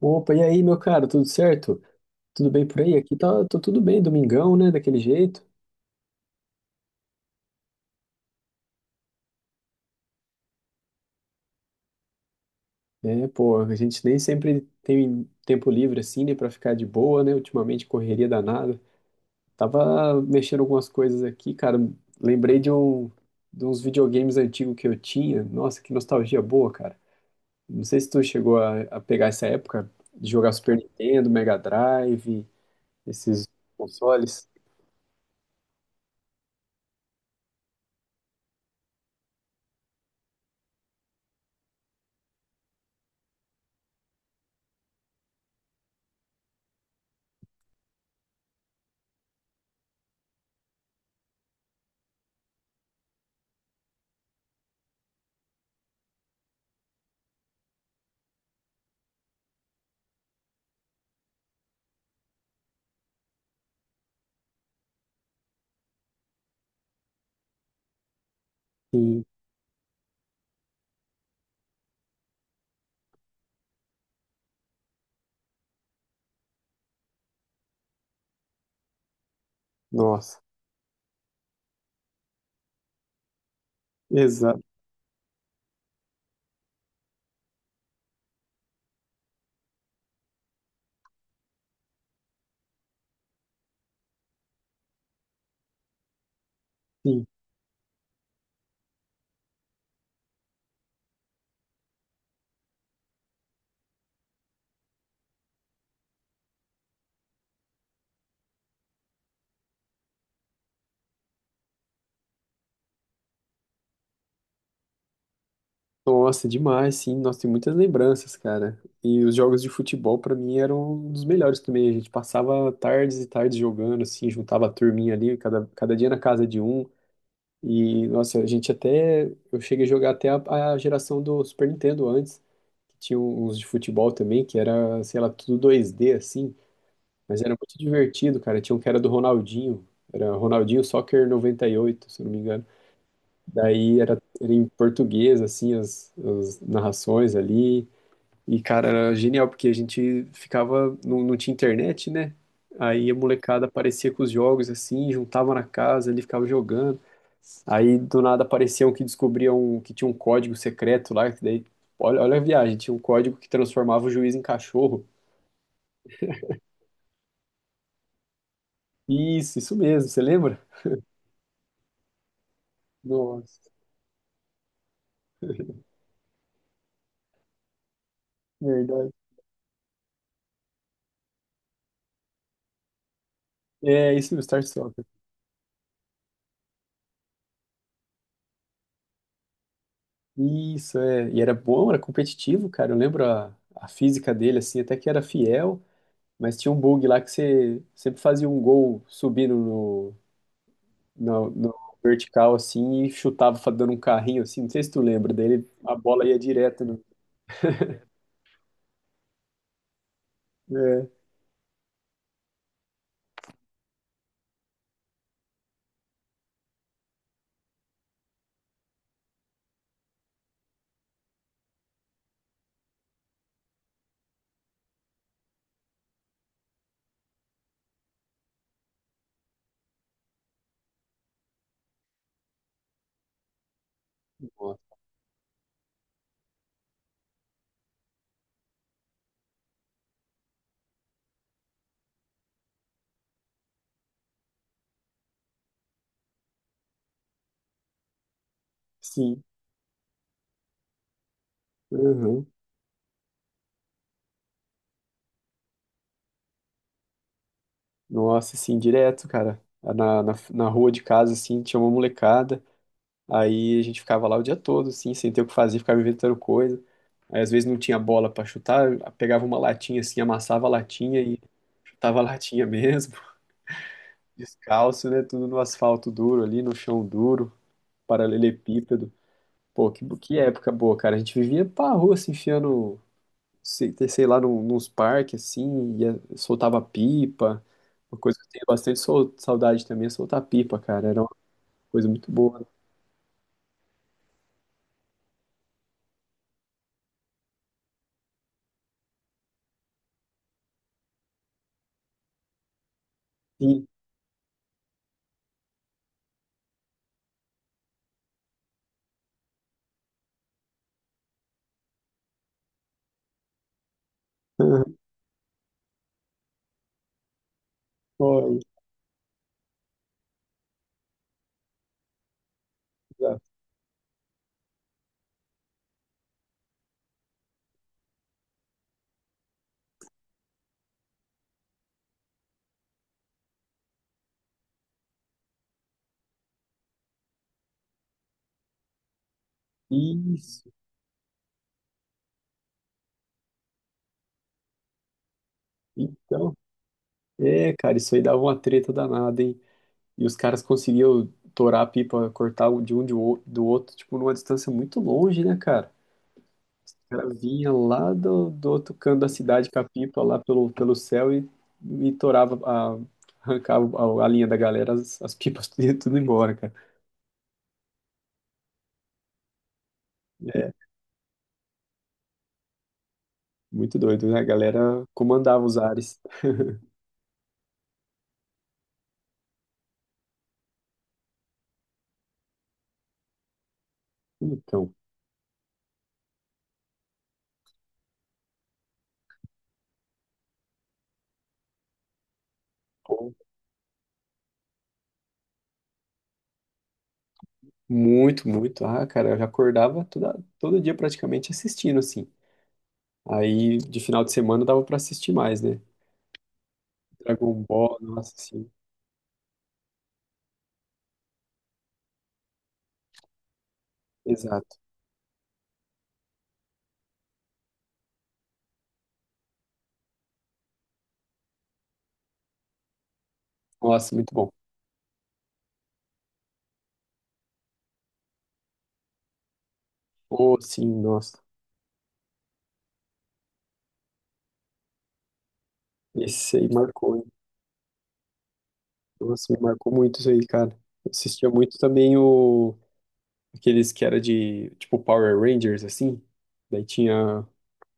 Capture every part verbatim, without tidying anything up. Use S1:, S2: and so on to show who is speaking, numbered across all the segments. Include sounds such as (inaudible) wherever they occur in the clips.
S1: Opa, e aí, meu cara, tudo certo? Tudo bem por aí? Aqui tá, tá tudo bem, domingão, né, daquele jeito. É, pô, a gente nem sempre tem tempo livre assim, né, pra ficar de boa, né, ultimamente correria danada. Tava mexendo algumas coisas aqui, cara, lembrei de um, de uns videogames antigos que eu tinha. Nossa, que nostalgia boa, cara. Não sei se tu chegou a, a pegar essa época de jogar Super Nintendo, Mega Drive, esses consoles. Sim, nossa, exato. Nossa, demais, sim. Nossa, tem muitas lembranças, cara. E os jogos de futebol, pra mim, eram um dos melhores também. A gente passava tardes e tardes jogando, assim, juntava a turminha ali, cada, cada dia na casa de um. E, nossa, a gente até. Eu cheguei a jogar até a, a geração do Super Nintendo antes, que tinha uns de futebol também, que era, sei lá, tudo dois D, assim. Mas era muito divertido, cara. Tinha um que era do Ronaldinho. Era Ronaldinho Soccer noventa e oito, se eu não me engano. Daí era, era em português, assim, as, as narrações ali. E, cara, era genial, porque a gente ficava, não, não tinha internet, né? Aí a molecada aparecia com os jogos, assim, juntava na casa, ele ficava jogando. Aí do nada apareciam que descobriam que tinha um código secreto lá, que daí, olha, olha a viagem, tinha um código que transformava o juiz em cachorro. Isso, isso mesmo, você lembra? Nossa, verdade. É isso, o start Soccer. Isso, é. E era bom, era competitivo, cara. Eu lembro a, a física dele, assim, até que era fiel, mas tinha um bug lá que você sempre fazia um gol subindo no, no, no vertical, assim, e chutava fa- dando um carrinho, assim. Não sei se tu lembra dele, a bola ia direto no. É, nossa, sim. Uhum. Nossa, assim, direto, cara. Na, na, na rua de casa, assim, tinha uma molecada. Aí a gente ficava lá o dia todo, assim, sem ter o que fazer, ficava inventando coisa. Aí às vezes não tinha bola pra chutar, pegava uma latinha assim, amassava a latinha e (laughs) chutava a latinha mesmo, (laughs) descalço, né? Tudo no asfalto duro ali, no chão duro, paralelepípedo. Pô, que, que época boa, cara. A gente vivia pra rua se enfiando, sei, sei lá, num, nos parques assim, ia, soltava pipa. Uma coisa que eu tenho bastante sol- saudade também é soltar pipa, cara. Era uma coisa muito boa. Sim. (laughs) Pô, isso. Então, é, cara, isso aí dava uma treta danada, hein? E os caras conseguiam torar a pipa, cortar o de um de o- do outro, tipo, numa distância muito longe, né, cara? O cara vinha lá do, do outro canto da cidade com a pipa lá pelo, pelo céu e, e torava, a, arrancava a, a linha da galera, as, as pipas (laughs) tudo, ia tudo embora, cara. É, muito doido, né? A galera comandava os ares. Então, pô, muito, muito. Ah, cara, eu já acordava toda, todo dia praticamente assistindo, assim. Aí de final de semana dava pra assistir mais, né? Dragon Ball, nossa, sim. Exato. Nossa, muito bom. Oh, sim, nossa. Esse aí marcou, hein? Nossa, me marcou muito isso aí, cara. Eu assistia muito também o aqueles que era de tipo Power Rangers assim. Daí tinha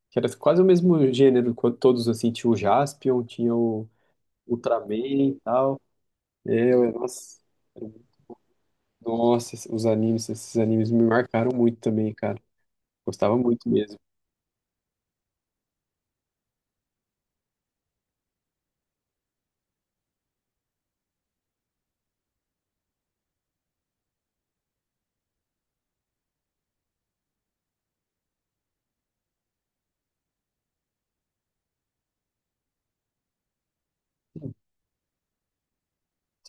S1: que era quase o mesmo gênero, co- todos assim, tinha o Jaspion, tinha o Ultraman e tal. É, ué, nossa. Nossa, os animes, esses animes me marcaram muito também, cara. Gostava muito mesmo.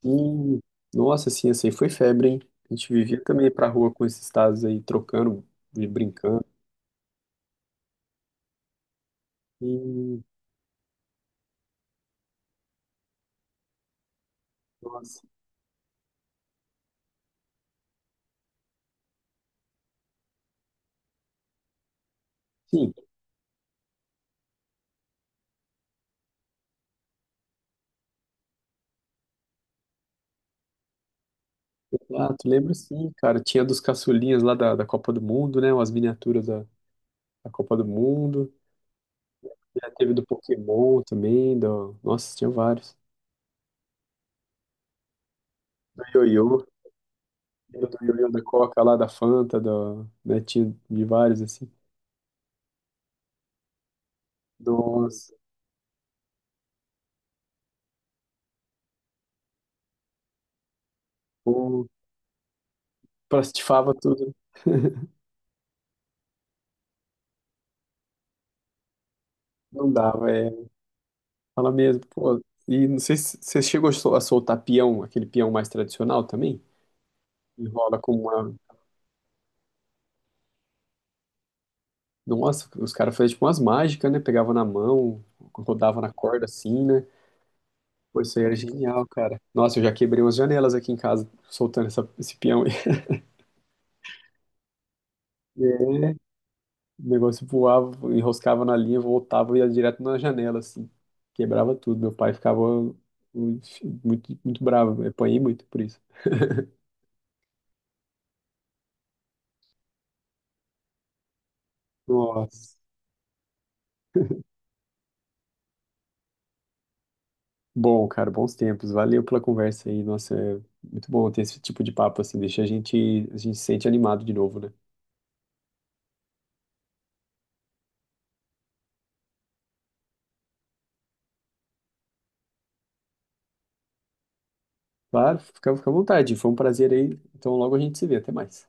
S1: Hum, nossa, assim, assim, foi febre, hein? A gente vivia também pra rua com esses tazos aí, trocando, e brincando. Hum, nossa. Sim, ah, tu lembro sim, cara. Tinha dos caçulinhas lá da, da Copa do Mundo, né? Umas miniaturas da, da Copa do Mundo. Já teve do Pokémon também, do... Nossa, tinha vários. Do Ioiô, lembra do Ioiô da Coca lá, da Fanta, do... né? Tinha de vários, assim. Nossa, pô, plastifava tudo. Né? (laughs) Não dava, é. Fala mesmo. Pô, e não sei se você chegou a sol- a soltar peão, aquele peão mais tradicional também? Enrola com uma. Nossa, os caras faziam tipo umas mágicas, né? Pegavam na mão, rodavam na corda assim, né? Pô, isso aí era genial, cara. Nossa, eu já quebrei umas janelas aqui em casa soltando essa, esse peão. Aí. (laughs) É, o negócio voava, enroscava na linha, voltava e ia direto na janela, assim. Quebrava tudo. Meu pai ficava uh, muito, muito bravo. Eu apanhei muito por isso. Nossa. Bom, cara, bons tempos. Valeu pela conversa aí. Nossa, é muito bom ter esse tipo de papo assim, deixa a gente, a gente se sente animado de novo, né? Claro, fica, fica à vontade. Foi um prazer aí. Então logo a gente se vê. Até mais.